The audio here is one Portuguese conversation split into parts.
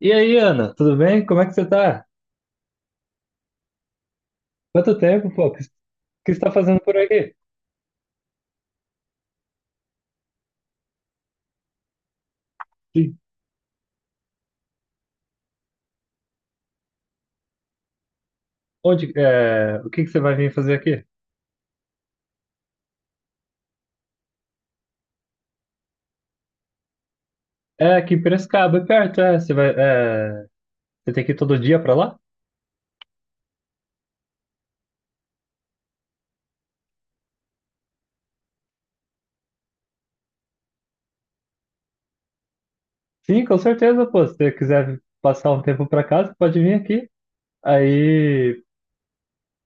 E aí, Ana, tudo bem? Como é que você tá? Quanto tempo, pô? O que você tá fazendo por aqui? E onde, o que que você vai vir fazer aqui? É, aqui em Piracicaba, é perto, é. Você tem que ir todo dia pra lá? Sim, com certeza, pô. Se você quiser passar um tempo pra casa, pode vir aqui. Aí,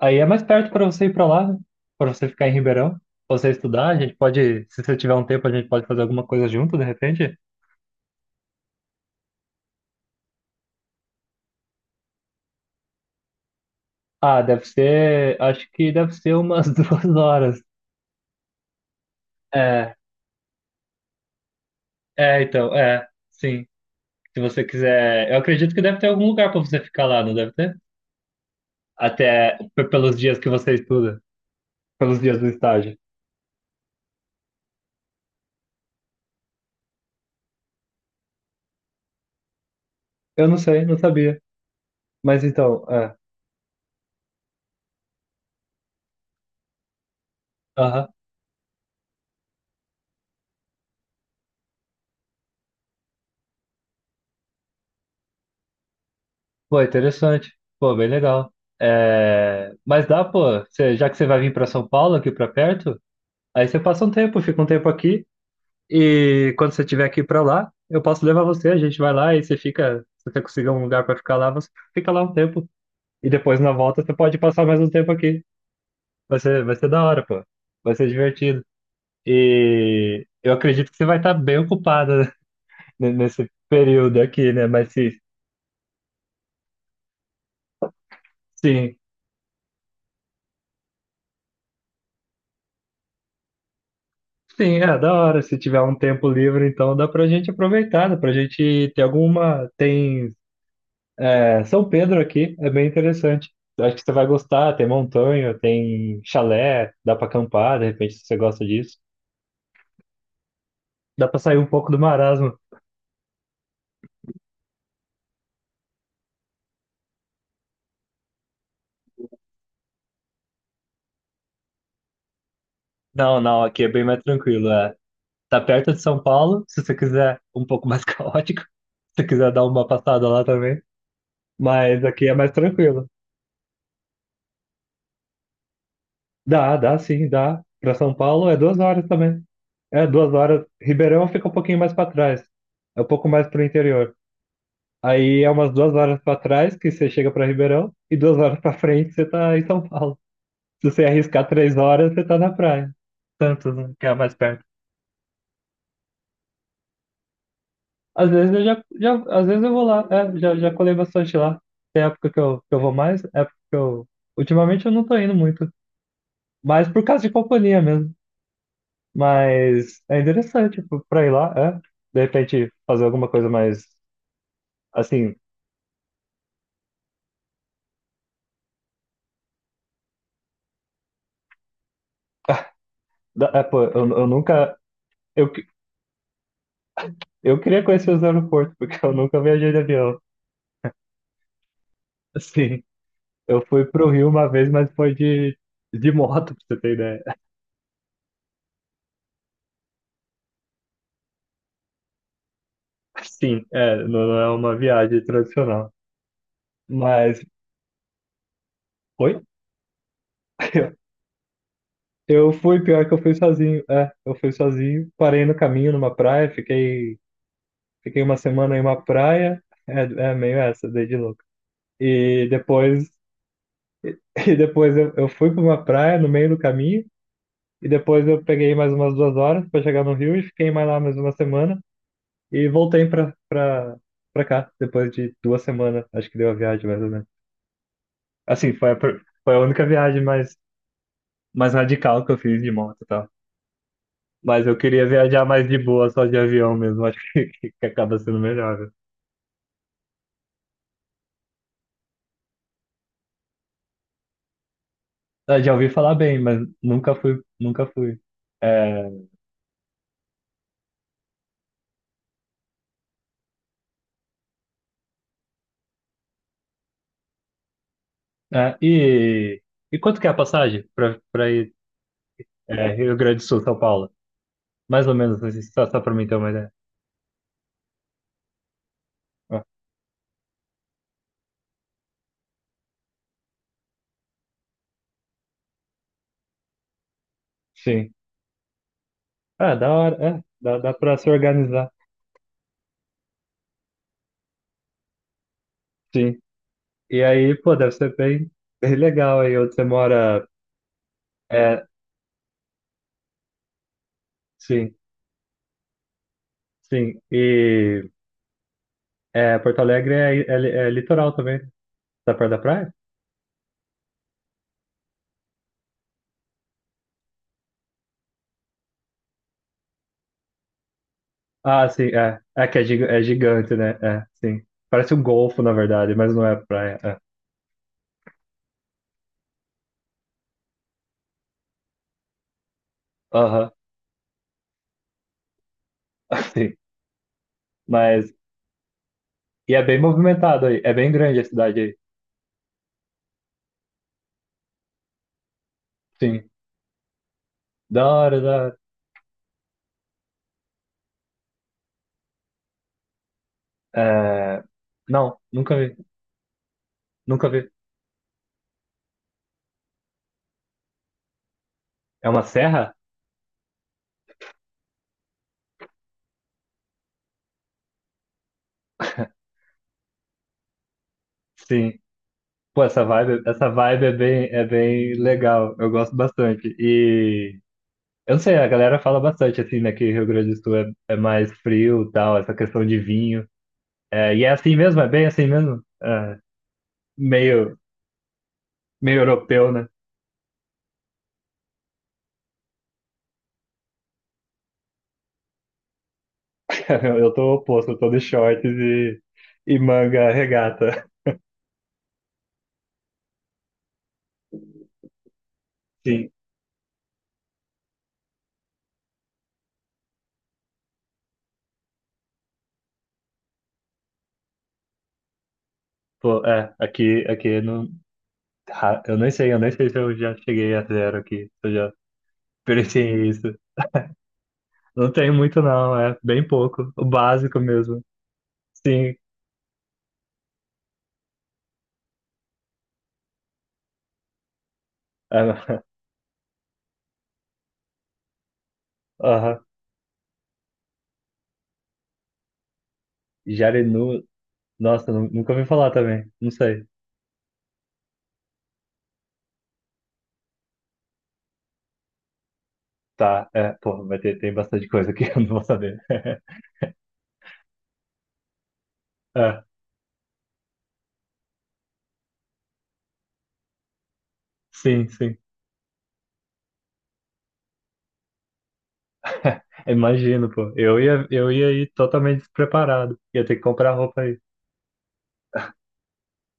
aí é mais perto pra você ir pra lá, né? Pra você ficar em Ribeirão, pra você estudar. A gente pode, se você tiver um tempo, a gente pode fazer alguma coisa junto, de repente. Ah, deve ser, acho que deve ser umas 2 horas. É, é, então, sim. Se você quiser, eu acredito que deve ter algum lugar para você ficar lá, não deve ter? Até pelos dias que você estuda, pelos dias do estágio. Eu não sei, não sabia. Mas então, é. Aham. Pô, interessante. Pô, bem legal. É, mas dá, pô, já que você vai vir para São Paulo, aqui para perto, aí você passa um tempo, fica um tempo aqui, e quando você estiver aqui para lá, eu posso levar você, a gente vai lá e você fica, se você conseguir um lugar para ficar lá, você fica lá um tempo. E depois na volta você pode passar mais um tempo aqui. Vai ser da hora, pô. Vai ser divertido. E eu acredito que você vai estar bem ocupada né, nesse período aqui, né? Mas se, sim, sim, é da hora. Se tiver um tempo livre, então dá pra gente aproveitar, dá pra gente ter alguma. Tem, São Pedro aqui, é bem interessante. Eu acho que você vai gostar. Tem montanha, tem chalé, dá pra acampar, de repente, se você gosta disso. Dá pra sair um pouco do marasmo. Não, não, aqui é bem mais tranquilo. Tá perto de São Paulo, se você quiser um pouco mais caótico, se você quiser dar uma passada lá também. Mas aqui é mais tranquilo. Dá, dá sim, dá. Pra São Paulo é 2 horas também. É, duas horas. Ribeirão fica um pouquinho mais pra trás. É um pouco mais pro interior. Aí é umas 2 horas pra trás que você chega pra Ribeirão e 2 horas pra frente você tá em São Paulo. Se você arriscar 3 horas, você tá na praia. Tanto, né? Que é mais perto. Às vezes eu já às vezes eu vou lá, já colei bastante lá. Tem época que eu vou mais, época que eu. Ultimamente eu não tô indo muito. Mas por causa de companhia mesmo. Mas é interessante pô, pra ir lá, é. De repente fazer alguma coisa mais assim. É, pô, eu nunca. Eu, que- eu queria conhecer os aeroportos, porque eu nunca viajei de avião. Assim, eu fui pro Rio uma vez, mas foi de moto, pra você ter ideia. Sim, não, não é uma viagem tradicional. Mas foi. Eu fui, pior que eu fui sozinho. É, eu fui sozinho, parei no caminho numa praia, fiquei uma semana em uma praia. É, é meio essa, dei de louco. E depois, e depois eu fui para uma praia no meio do caminho, e depois eu peguei mais umas 2 horas para chegar no Rio e fiquei mais lá mais uma semana e voltei para cá depois de 2 semanas, acho que deu a viagem mais ou menos. Assim, foi a única viagem mais radical que eu fiz de moto, e mas eu queria viajar mais de boa, só de avião mesmo. Acho que acaba sendo melhor, né? Ah, já ouvi falar bem, mas nunca fui, nunca fui. É, é, e quanto que é a passagem para ir, Rio Grande do Sul, São Paulo? Mais ou menos, assim, só para mim ter uma ideia. Ah, sim. Ah, da hora. É, dá para se organizar. Sim. E aí, pô, deve ser bem, bem legal aí onde você mora. É, sim, sim. E Porto Alegre é litoral também. Tá perto da praia? Ah, sim, é. É que é, é gigante, né? É, sim. Parece um golfo, na verdade, mas não é praia, é. Aham, sim. Mas. E é bem movimentado aí. É bem grande a cidade aí. Sim. Da hora, da hora. É... Não, nunca vi. Nunca vi. É uma serra? Sim. Pô, essa vibe é bem legal. Eu gosto bastante. E. Eu não sei, a galera fala bastante assim, né? Que Rio Grande do Sul é mais frio e tal, essa questão de vinho. É, e é assim mesmo, é bem assim mesmo. É. Meio, meio europeu, né? Cara, eu tô oposto, eu tô de shorts e manga regata. Sim, pô, aqui não. Eu nem sei se eu já cheguei a zero aqui, se eu já experienciei isso. Não tem muito, não, é bem pouco, o básico mesmo. Sim, é, aham. Jarinu, nossa, nunca ouvi falar também, não sei. Tá, pô, tem bastante coisa aqui, eu não vou saber. É, sim, sim. Imagino, pô. Eu ia ir totalmente despreparado. Ia ter que comprar roupa aí.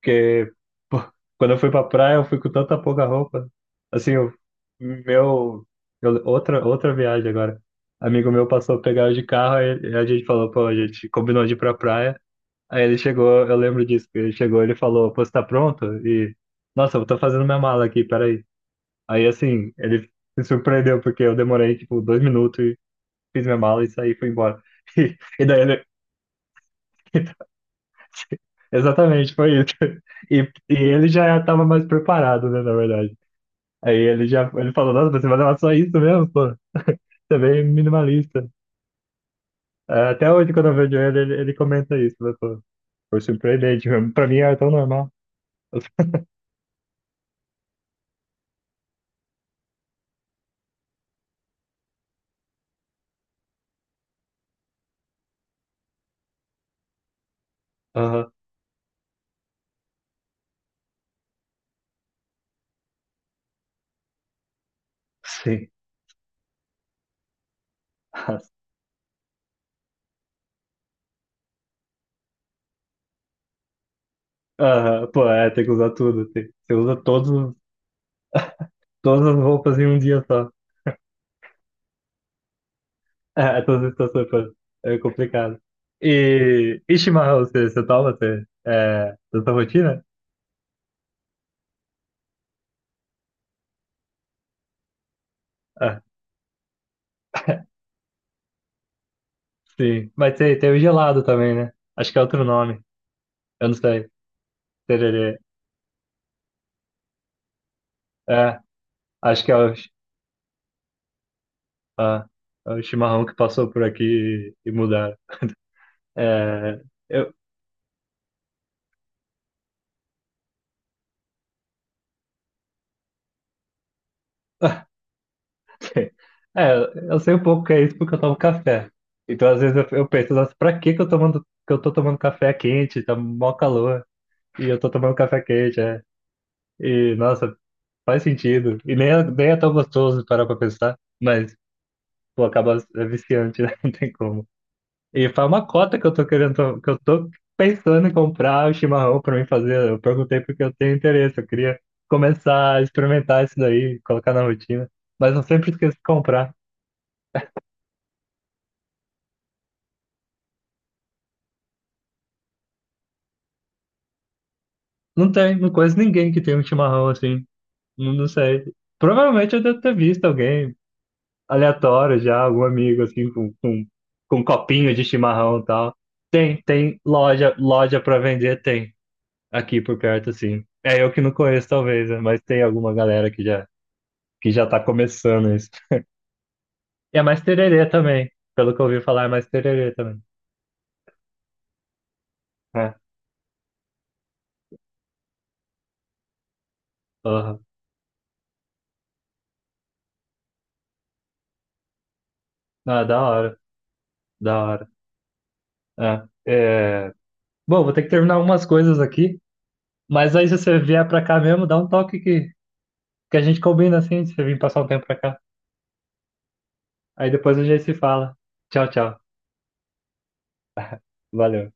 Porque, pô, quando eu fui pra praia, eu fui com tanta pouca roupa. Assim, eu, meu. Outra viagem agora. Amigo meu passou a pegar eu de carro, aí a gente falou, pô, a gente combinou de ir pra praia. Aí ele chegou, eu lembro disso, que ele chegou, ele falou, pô, você tá pronto? E, nossa, eu tô fazendo minha mala aqui, peraí. Aí, assim, ele se surpreendeu, porque eu demorei, tipo, 2 minutos e fiz minha mala e saí e fui embora. E, daí ele. Exatamente, foi isso. E, e ele já estava mais preparado, né, na verdade. Aí ele já ele falou, nossa, você vai levar só isso mesmo, pô? Você é bem minimalista. É, até hoje, quando eu vejo ele, ele comenta isso, né, pô? Foi surpreendente mesmo. Pra mim era tão normal. Eu fico, aham, sim. Aham, pô, é, tem que usar tudo. Tem, você usa todas as roupas em um dia só. É, todas as estações, pô. É complicado. E chimarrão, você toma? Você, é, da sua rotina? Sim, mas tem o gelado também, né? Acho que é outro nome. Eu não sei. Tererê. É, acho que ah, é o chimarrão que passou por aqui e mudaram. É, eu, é, eu sei um pouco que é isso porque eu tomo café. Então, às vezes, eu penso, nossa, pra que que eu tô tomando café quente? Tá mó calor. E eu tô tomando café quente, é. E, nossa, faz sentido. E nem, nem é tão gostoso parar pra pensar. Mas, pô, acaba é viciante, né? Não tem como. E faz uma cota que eu tô querendo, que eu tô pensando em comprar o chimarrão pra mim fazer. Eu perguntei porque eu tenho interesse, eu queria começar a experimentar isso daí, colocar na rotina. Mas eu sempre esqueço de comprar. Não tem, não conheço ninguém que tem um chimarrão assim. Não, não sei. Provavelmente eu devo ter visto alguém aleatório já, algum amigo assim com, com um copinho de chimarrão e tal. Tem loja, loja para vender, tem aqui por perto assim. É eu que não conheço talvez, né? Mas tem alguma galera que já tá começando isso. E é mais tererê também. Pelo que eu ouvi falar, é mais tererê também. É. Porra. Ah, da hora. Da hora. É. É, bom, vou ter que terminar algumas coisas aqui. Mas aí, se você vier pra cá mesmo, dá um toque que a gente combina assim, de você vir passar um tempo pra cá. Aí depois a gente se fala. Tchau, tchau. Valeu.